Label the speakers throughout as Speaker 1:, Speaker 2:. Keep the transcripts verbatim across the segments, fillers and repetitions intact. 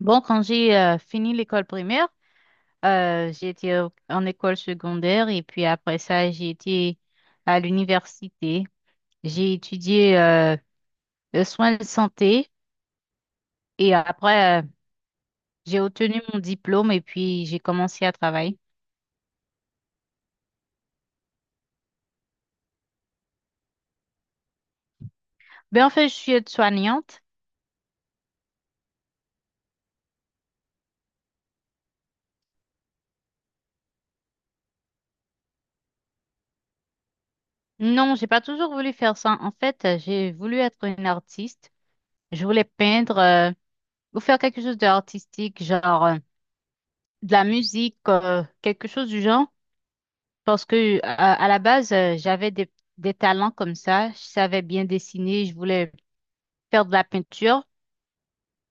Speaker 1: Bon, quand j'ai euh, fini l'école primaire, euh, j'ai été au- en école secondaire et puis après ça, j'ai été à l'université. J'ai étudié euh, le soin de santé et après, euh, j'ai obtenu mon diplôme et puis j'ai commencé à travailler. Ben en fait, je suis aide-soignante. Non, j'ai pas toujours voulu faire ça. En fait, euh, j'ai voulu être une artiste. Je voulais peindre euh, ou faire quelque chose d'artistique, genre euh, de la musique, euh, quelque chose du genre. Parce que à, à la base, euh, j'avais des, des talents comme ça. Je savais bien dessiner, je voulais faire de la peinture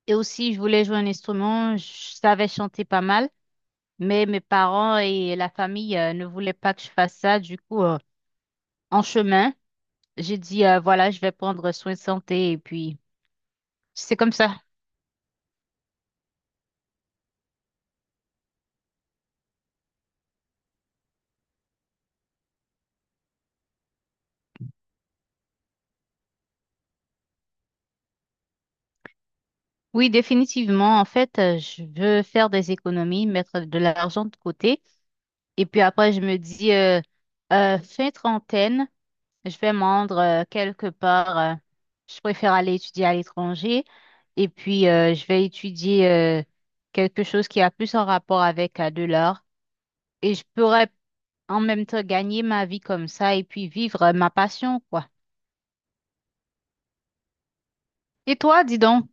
Speaker 1: et aussi je voulais jouer un instrument. Je savais chanter pas mal, mais mes parents et la famille euh, ne voulaient pas que je fasse ça. Du coup, euh, en chemin, j'ai dit euh, voilà, je vais prendre soin de santé et puis c'est comme ça. Oui, définitivement. En fait, euh, je veux faire des économies, mettre de l'argent de côté et puis après, je me dis euh, euh, fin trentaine. Je vais me rendre euh, quelque part. Euh, je préfère aller étudier à l'étranger et puis euh, je vais étudier euh, quelque chose qui a plus en rapport avec euh, de l'art et je pourrais en même temps gagner ma vie comme ça et puis vivre euh, ma passion, quoi. Et toi, dis donc,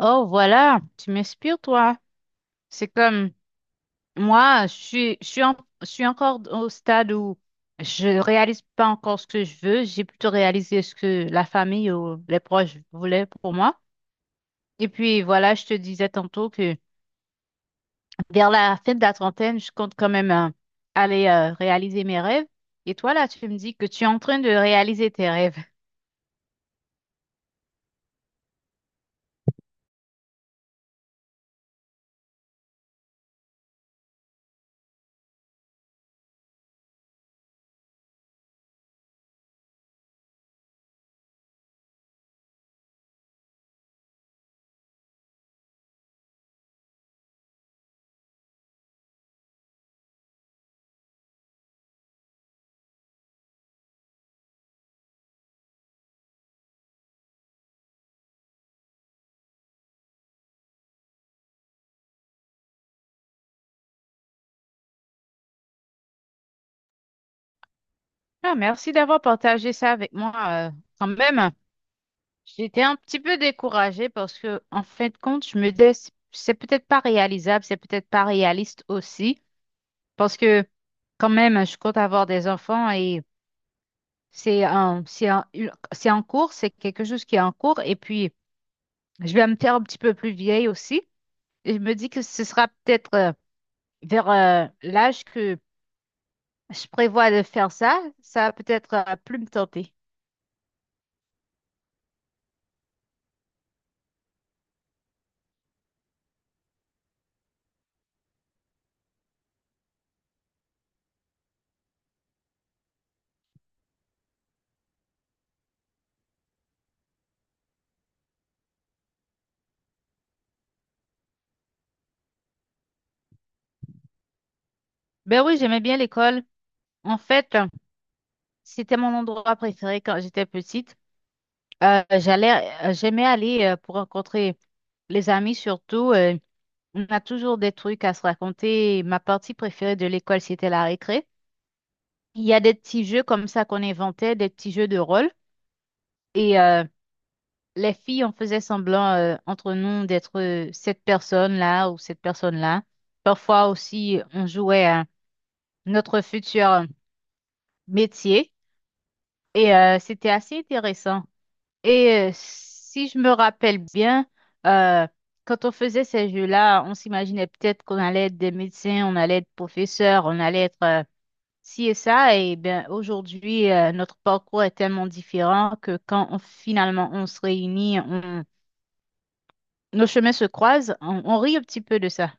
Speaker 1: oh voilà, tu m'inspires, toi. C'est comme moi, je suis, je suis, en- je suis encore au stade où je réalise pas encore ce que je veux. J'ai plutôt réalisé ce que la famille ou les proches voulaient pour moi. Et puis voilà, je te disais tantôt que vers la fin de la trentaine, je compte quand même euh, aller euh, réaliser mes rêves. Et toi, là, tu me dis que tu es en train de réaliser tes rêves. Ah, merci d'avoir partagé ça avec moi. euh, Quand même, j'étais un petit peu découragée parce que, en fin de compte, je me dis, c'est c'est peut-être pas réalisable, c'est peut-être pas réaliste aussi. Parce que, quand même, je compte avoir des enfants et c'est un, c'est un- une- c'est en cours, c'est quelque chose qui est en cours. Et puis, je vais me faire un petit peu plus vieille aussi. Et je me dis que ce sera peut-être euh, vers euh, l'âge que je prévois de faire ça. Ça va peut-être euh, plus me tenter. Ben oui, j'aimais bien l'école. En fait, euh, c'était mon endroit préféré quand j'étais petite. Euh, j'allais, euh, J'aimais aller euh, pour rencontrer les amis surtout. Euh, on a toujours des trucs à se raconter. Ma partie préférée de l'école, c'était la récré. Il y a des petits jeux comme ça qu'on inventait, des petits jeux de rôle. Et euh, les filles, on faisait semblant euh, entre nous d'être euh, cette personne-là ou cette personne-là. Parfois aussi, on jouait à notre futur métier et euh, c'était assez intéressant. Et euh, si je me rappelle bien, euh, quand on faisait ces jeux-là, on s'imaginait peut-être qu'on allait être des médecins, on allait être professeur, on allait être euh, ci et ça. Et bien aujourd'hui, euh, notre parcours est tellement différent que quand on- finalement on se réunit. On Nos chemins se croisent, on, on rit un petit peu de ça.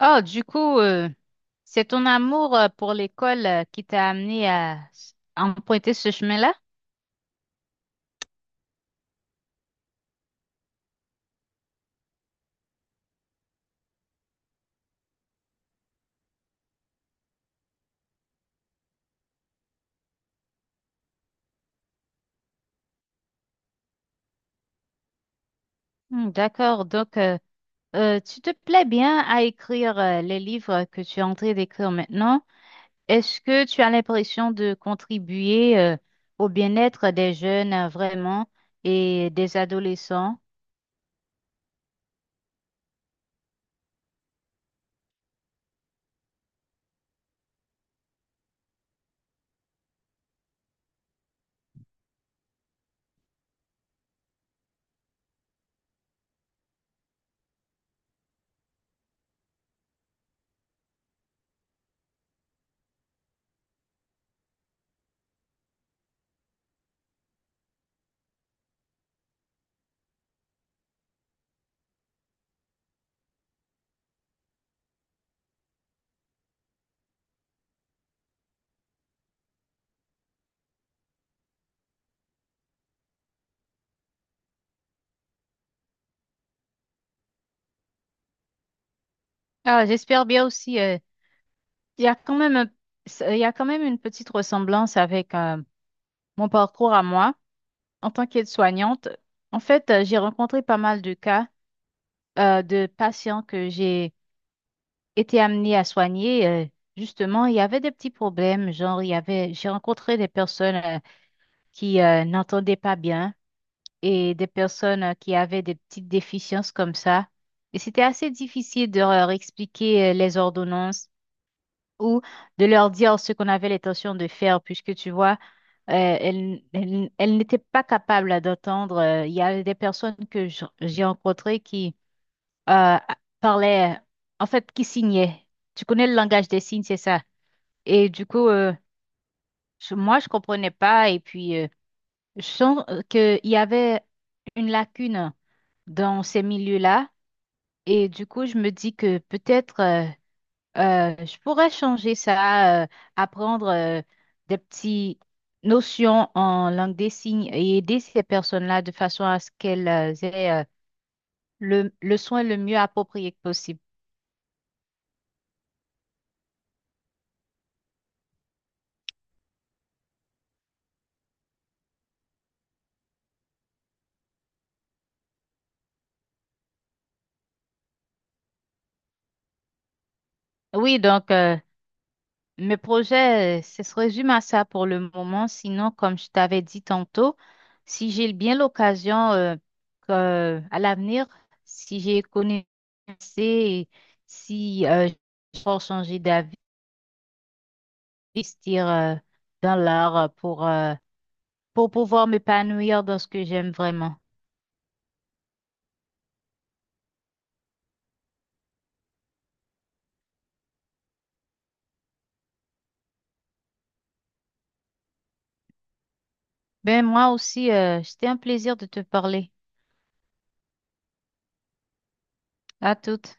Speaker 1: Oh, du coup, euh, c'est ton amour euh, pour l'école euh, qui t'a amené à s- emprunter ce chemin-là? Hmm, d'accord, donc euh, euh, tu te plais bien à écrire euh, les livres que tu es en train d'écrire maintenant. Est-ce que tu as l'impression de contribuer euh, au bien-être des jeunes euh, vraiment et des adolescents? Ah, j'espère bien aussi. euh, Il y a quand même un- il y a quand même une petite ressemblance avec euh, mon parcours à moi. En tant qu'aide-soignante, en fait, euh, j'ai rencontré pas mal de cas euh, de patients que j'ai été amenée à soigner. Euh, justement, il y avait des petits problèmes, genre il y avait, j'ai rencontré des personnes euh, qui euh, n'entendaient pas bien et des personnes euh, qui avaient des petites déficiences comme ça. Et c'était assez difficile de leur expliquer euh, les ordonnances ou de leur dire ce qu'on avait l'intention de faire, puisque tu vois, euh, elles, elles- elles n'étaient pas capables d'entendre. euh, Il y avait des personnes que j- j'ai rencontrées qui euh, parlaient, en fait, qui signaient. Tu connais le langage des signes, c'est ça. Et du coup, euh, je- moi, je comprenais pas. Et puis, euh, je sens qu'il y avait une lacune dans ces milieux-là. Et du coup, je me dis que peut-être... euh, Euh, je pourrais changer ça, euh, apprendre euh, des petites notions en langue des signes et aider ces personnes-là de façon à ce qu'elles euh, aient euh, le, le soin le mieux approprié que possible. Oui, donc euh, mes projets, euh, ce se résume à ça pour le moment. Sinon, comme je t'avais dit tantôt, si j'ai bien l'occasion euh, que- à l'avenir, si j'ai connaissance et si euh, je peux changer d'avis, investir euh, dans l'art euh, pour, euh, pour pouvoir m'épanouir dans ce que j'aime vraiment. Ben moi aussi, euh, c'était un plaisir de te parler. À toutes